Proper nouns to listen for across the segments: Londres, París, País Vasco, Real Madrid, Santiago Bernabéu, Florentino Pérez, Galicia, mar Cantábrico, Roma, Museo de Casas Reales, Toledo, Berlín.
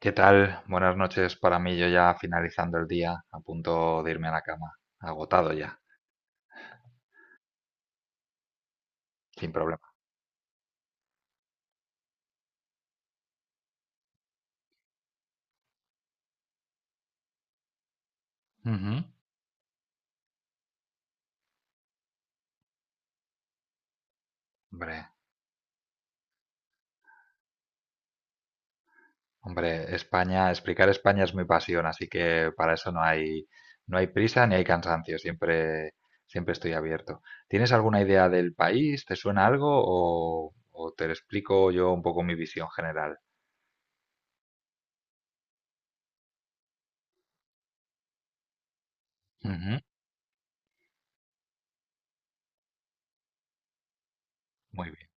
¿Qué tal? Buenas noches para mí, yo ya finalizando el día, a punto de irme a la cama, agotado ya, sin problema. Ujú. Hombre, hombre, España, explicar España es mi pasión, así que para eso no hay prisa ni hay cansancio, siempre estoy abierto. ¿Tienes alguna idea del país? ¿Te suena algo? O te explico yo un poco mi visión general. Ujú. Muy bien.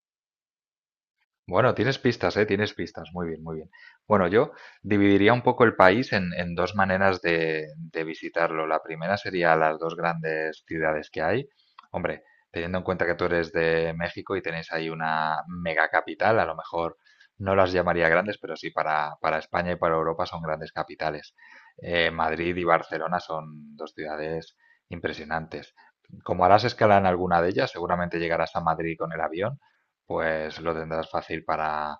Bueno, tienes pistas, ¿eh? Tienes pistas. Muy bien, muy bien. Bueno, yo dividiría un poco el país en dos maneras de visitarlo. La primera sería las dos grandes ciudades que hay. Hombre, teniendo en cuenta que tú eres de México y tenéis ahí una mega capital, a lo mejor no las llamaría grandes, pero sí para España y para Europa son grandes capitales. Madrid y Barcelona son dos ciudades impresionantes. Como harás escala en alguna de ellas, seguramente llegarás a Madrid con el avión, pues lo tendrás fácil para,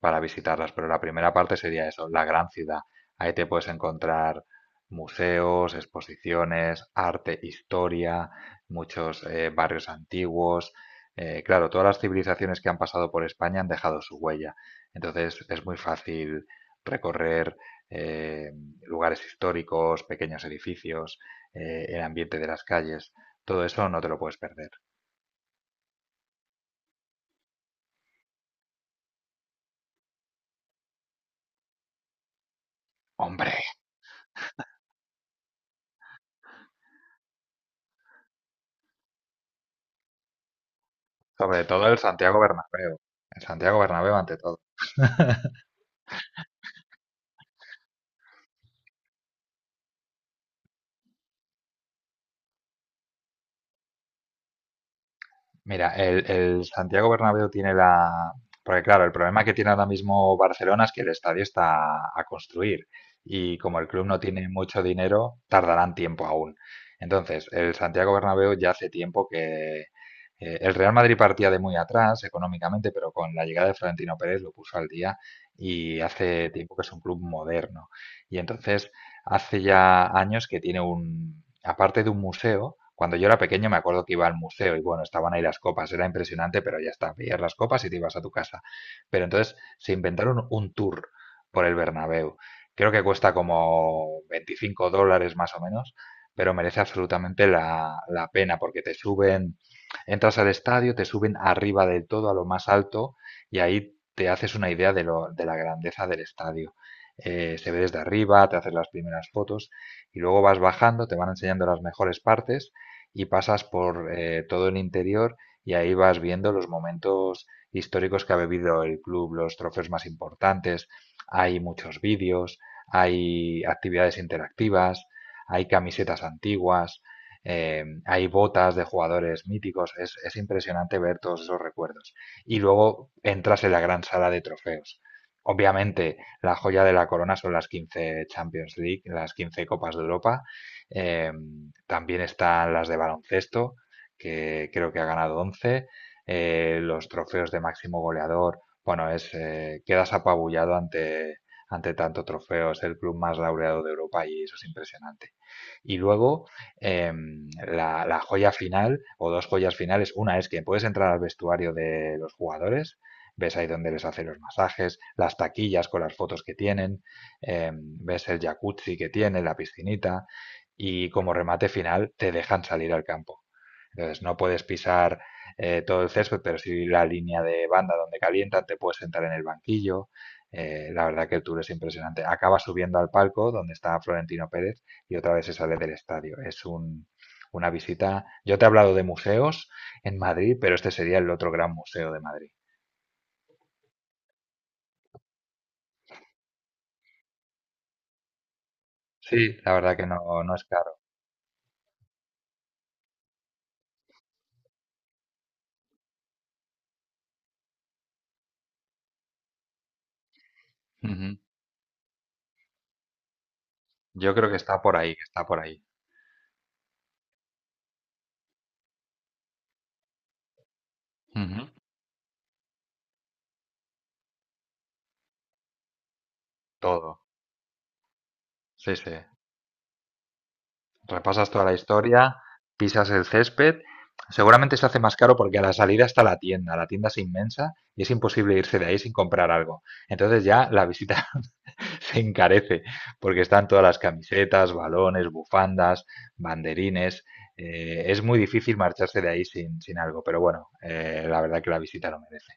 para visitarlas. Pero la primera parte sería eso, la gran ciudad. Ahí te puedes encontrar museos, exposiciones, arte, historia, muchos barrios antiguos. Claro, todas las civilizaciones que han pasado por España han dejado su huella. Entonces es muy fácil recorrer eh, lugares históricos, pequeños edificios, el ambiente de las calles. Todo eso no te lo puedes perder. Hombre, sobre todo el Santiago Bernabéu. El Santiago Bernabéu ante todo. Mira, el Santiago Bernabéu tiene la... Porque claro, el problema que tiene ahora mismo Barcelona es que el estadio está a construir, y como el club no tiene mucho dinero, tardarán tiempo aún. Entonces, el Santiago Bernabéu ya hace tiempo que... el Real Madrid partía de muy atrás económicamente, pero con la llegada de Florentino Pérez lo puso al día y hace tiempo que es un club moderno. Y entonces, hace ya años que tiene un aparte de un museo. Cuando yo era pequeño, me acuerdo que iba al museo y bueno, estaban ahí las copas, era impresionante, pero ya está, pillar las copas y te ibas a tu casa. Pero entonces se inventaron un tour por el Bernabéu. Creo que cuesta como $25 más o menos, pero merece absolutamente la pena, porque te suben, entras al estadio, te suben arriba del todo a lo más alto y ahí te haces una idea de la grandeza del estadio. Se ve desde arriba, te haces las primeras fotos y luego vas bajando, te van enseñando las mejores partes y pasas por todo el interior, y ahí vas viendo los momentos históricos que ha vivido el club, los trofeos más importantes, hay muchos vídeos, hay actividades interactivas, hay camisetas antiguas, hay botas de jugadores míticos, es impresionante ver todos esos recuerdos. Y luego entras en la gran sala de trofeos. Obviamente, la joya de la corona son las 15 Champions League, las 15 Copas de Europa. Eh, También están las de baloncesto, que creo que ha ganado 11. Los trofeos de máximo goleador, bueno, es, quedas apabullado ante tanto trofeo. Es el club más laureado de Europa y eso es impresionante. Y luego, eh, la joya final, o dos joyas finales, una es que puedes entrar al vestuario de los jugadores, ves ahí donde les hace los masajes, las taquillas con las fotos que tienen, ves el jacuzzi que tiene, la piscinita, y como remate final te dejan salir al campo. Entonces no puedes pisar todo el césped, pero sí la línea de banda donde calientan, te puedes sentar en el banquillo. La verdad que el tour es impresionante. Acaba subiendo al palco donde está Florentino Pérez y otra vez se sale del estadio. Es una visita. Yo te he hablado de museos en Madrid, pero este sería el otro gran museo de Madrid. Sí, la verdad que no, no es caro. Ujú. Yo creo que está por ahí, que está por ahí. Ujú. Todo. Sí, sí. Repasas toda la historia, pisas el césped. Seguramente se hace más caro porque a la salida está la tienda. La tienda es inmensa y es imposible irse de ahí sin comprar algo. Entonces ya la visita se encarece porque están todas las camisetas, balones, bufandas, banderines. Es muy difícil marcharse de ahí sin algo, pero bueno, la verdad que la visita lo merece.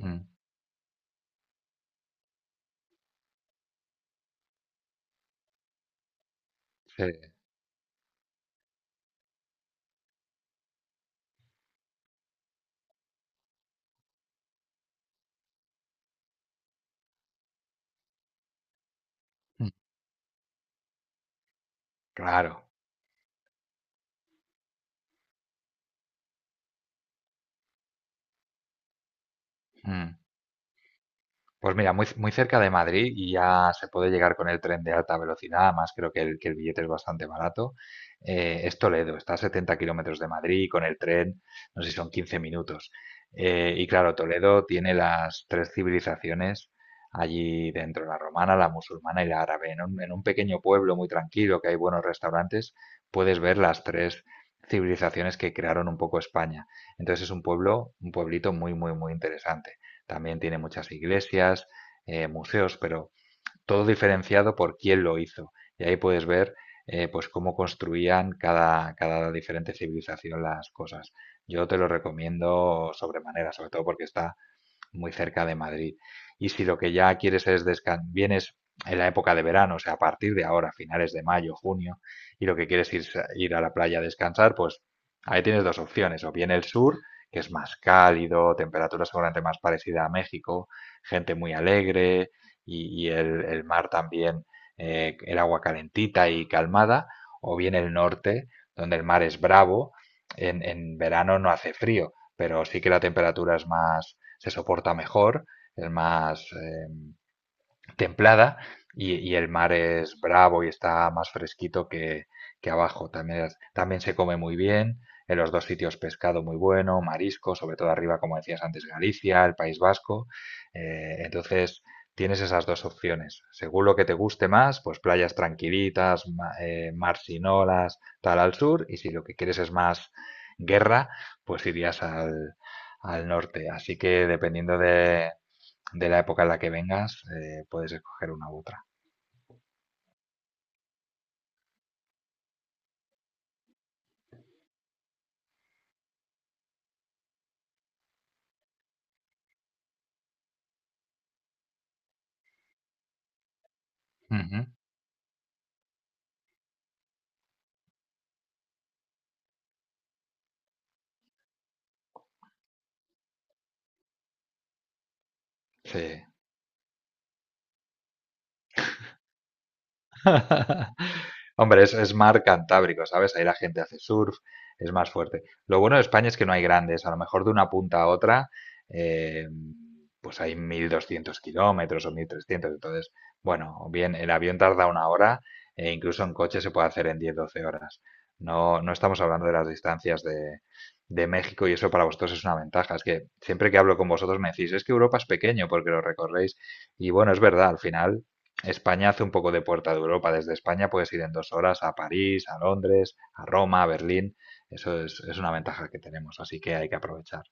Mm, sí. Mm, claro. Mm. Pues mira, muy, muy cerca de Madrid, y ya se puede llegar con el tren de alta velocidad. Además, creo que que el billete es bastante barato. Es Toledo, está a 70 km de Madrid y con el tren, no sé si son 15 minutos. Y claro, Toledo tiene las tres civilizaciones allí dentro, la romana, la musulmana y la árabe. En un pequeño pueblo muy tranquilo, que hay buenos restaurantes, puedes ver las tres civilizaciones que crearon un poco España. Entonces es un pueblo, un pueblito muy, muy, muy interesante. También tiene muchas iglesias, museos, pero todo diferenciado por quién lo hizo. Y ahí puedes ver, pues cómo construían cada diferente civilización las cosas. Yo te lo recomiendo sobremanera, sobre todo porque está muy cerca de Madrid. Y si lo que ya quieres es descansar, vienes en la época de verano, o sea, a partir de ahora, finales de mayo, junio, y lo que quieres es ir a la playa a descansar, pues ahí tienes dos opciones: o bien el sur, que es más cálido, temperatura seguramente más parecida a México, gente muy alegre y el mar también, el agua calentita y calmada; o bien el norte, donde el mar es bravo, en verano no hace frío, pero sí que la temperatura es más, se soporta mejor, es más, templada, y el mar es bravo y está más fresquito que abajo. También, también se come muy bien. En los dos sitios, pescado muy bueno, marisco, sobre todo arriba, como decías antes, Galicia, el País Vasco. Entonces, tienes esas dos opciones. Según lo que te guste más, pues playas tranquilitas, mar sin olas, tal, al sur. Y si lo que quieres es más guerra, pues irías al norte. Así que, dependiendo de la época en la que vengas, puedes escoger una u otra. Uh -huh. Sí. Hombre, es mar Cantábrico, ¿sabes? Ahí la gente hace surf, es más fuerte. Lo bueno de España es que no hay grandes, a lo mejor de una punta a otra, eh, pues hay 1.200 km o 1.300. Entonces, bueno, bien, el avión tarda una hora e incluso en coche se puede hacer en 10-12 horas. No no estamos hablando de las distancias de México, y eso para vosotros es una ventaja. Es que siempre que hablo con vosotros me decís, es que Europa es pequeño porque lo recorréis. Y bueno, es verdad, al final España hace un poco de puerta de Europa. Desde España puedes ir en 2 horas a París, a Londres, a Roma, a Berlín. Eso es una ventaja que tenemos, así que hay que aprovechar.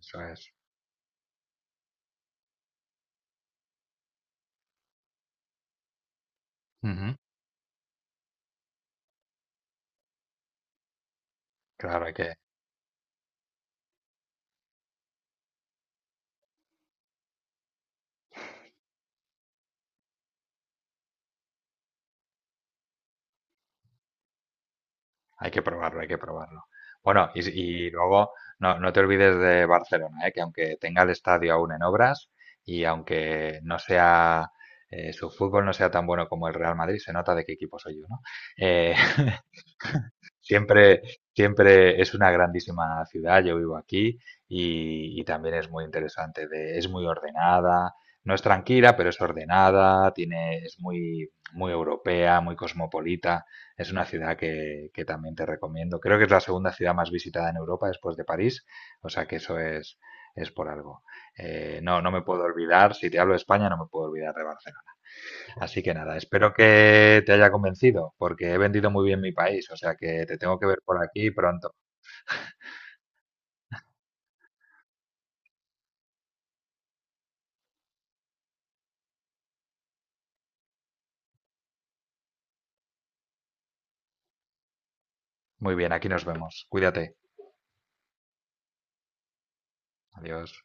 Eso es. Ujú. Claro, hay que probarlo, hay que probarlo. Bueno, y luego, no, no te olvides de Barcelona, ¿eh? Que aunque tenga el estadio aún en obras, y aunque no sea, su fútbol no sea tan bueno como el Real Madrid, se nota de qué equipo soy yo, ¿no? Eh, Siempre, siempre es una grandísima ciudad, yo vivo aquí, y también es muy interesante, es muy ordenada, no es tranquila, pero es ordenada, tiene, es muy, muy europea, muy cosmopolita, es una ciudad que también te recomiendo. Creo que es la segunda ciudad más visitada en Europa después de París, o sea que eso es por algo. No, no me puedo olvidar, si te hablo de España, no me puedo olvidar de Barcelona. Así que nada, espero que te haya convencido, porque he vendido muy bien mi país, o sea que te tengo que ver por aquí pronto. Muy bien, aquí nos vemos. Cuídate. Adiós.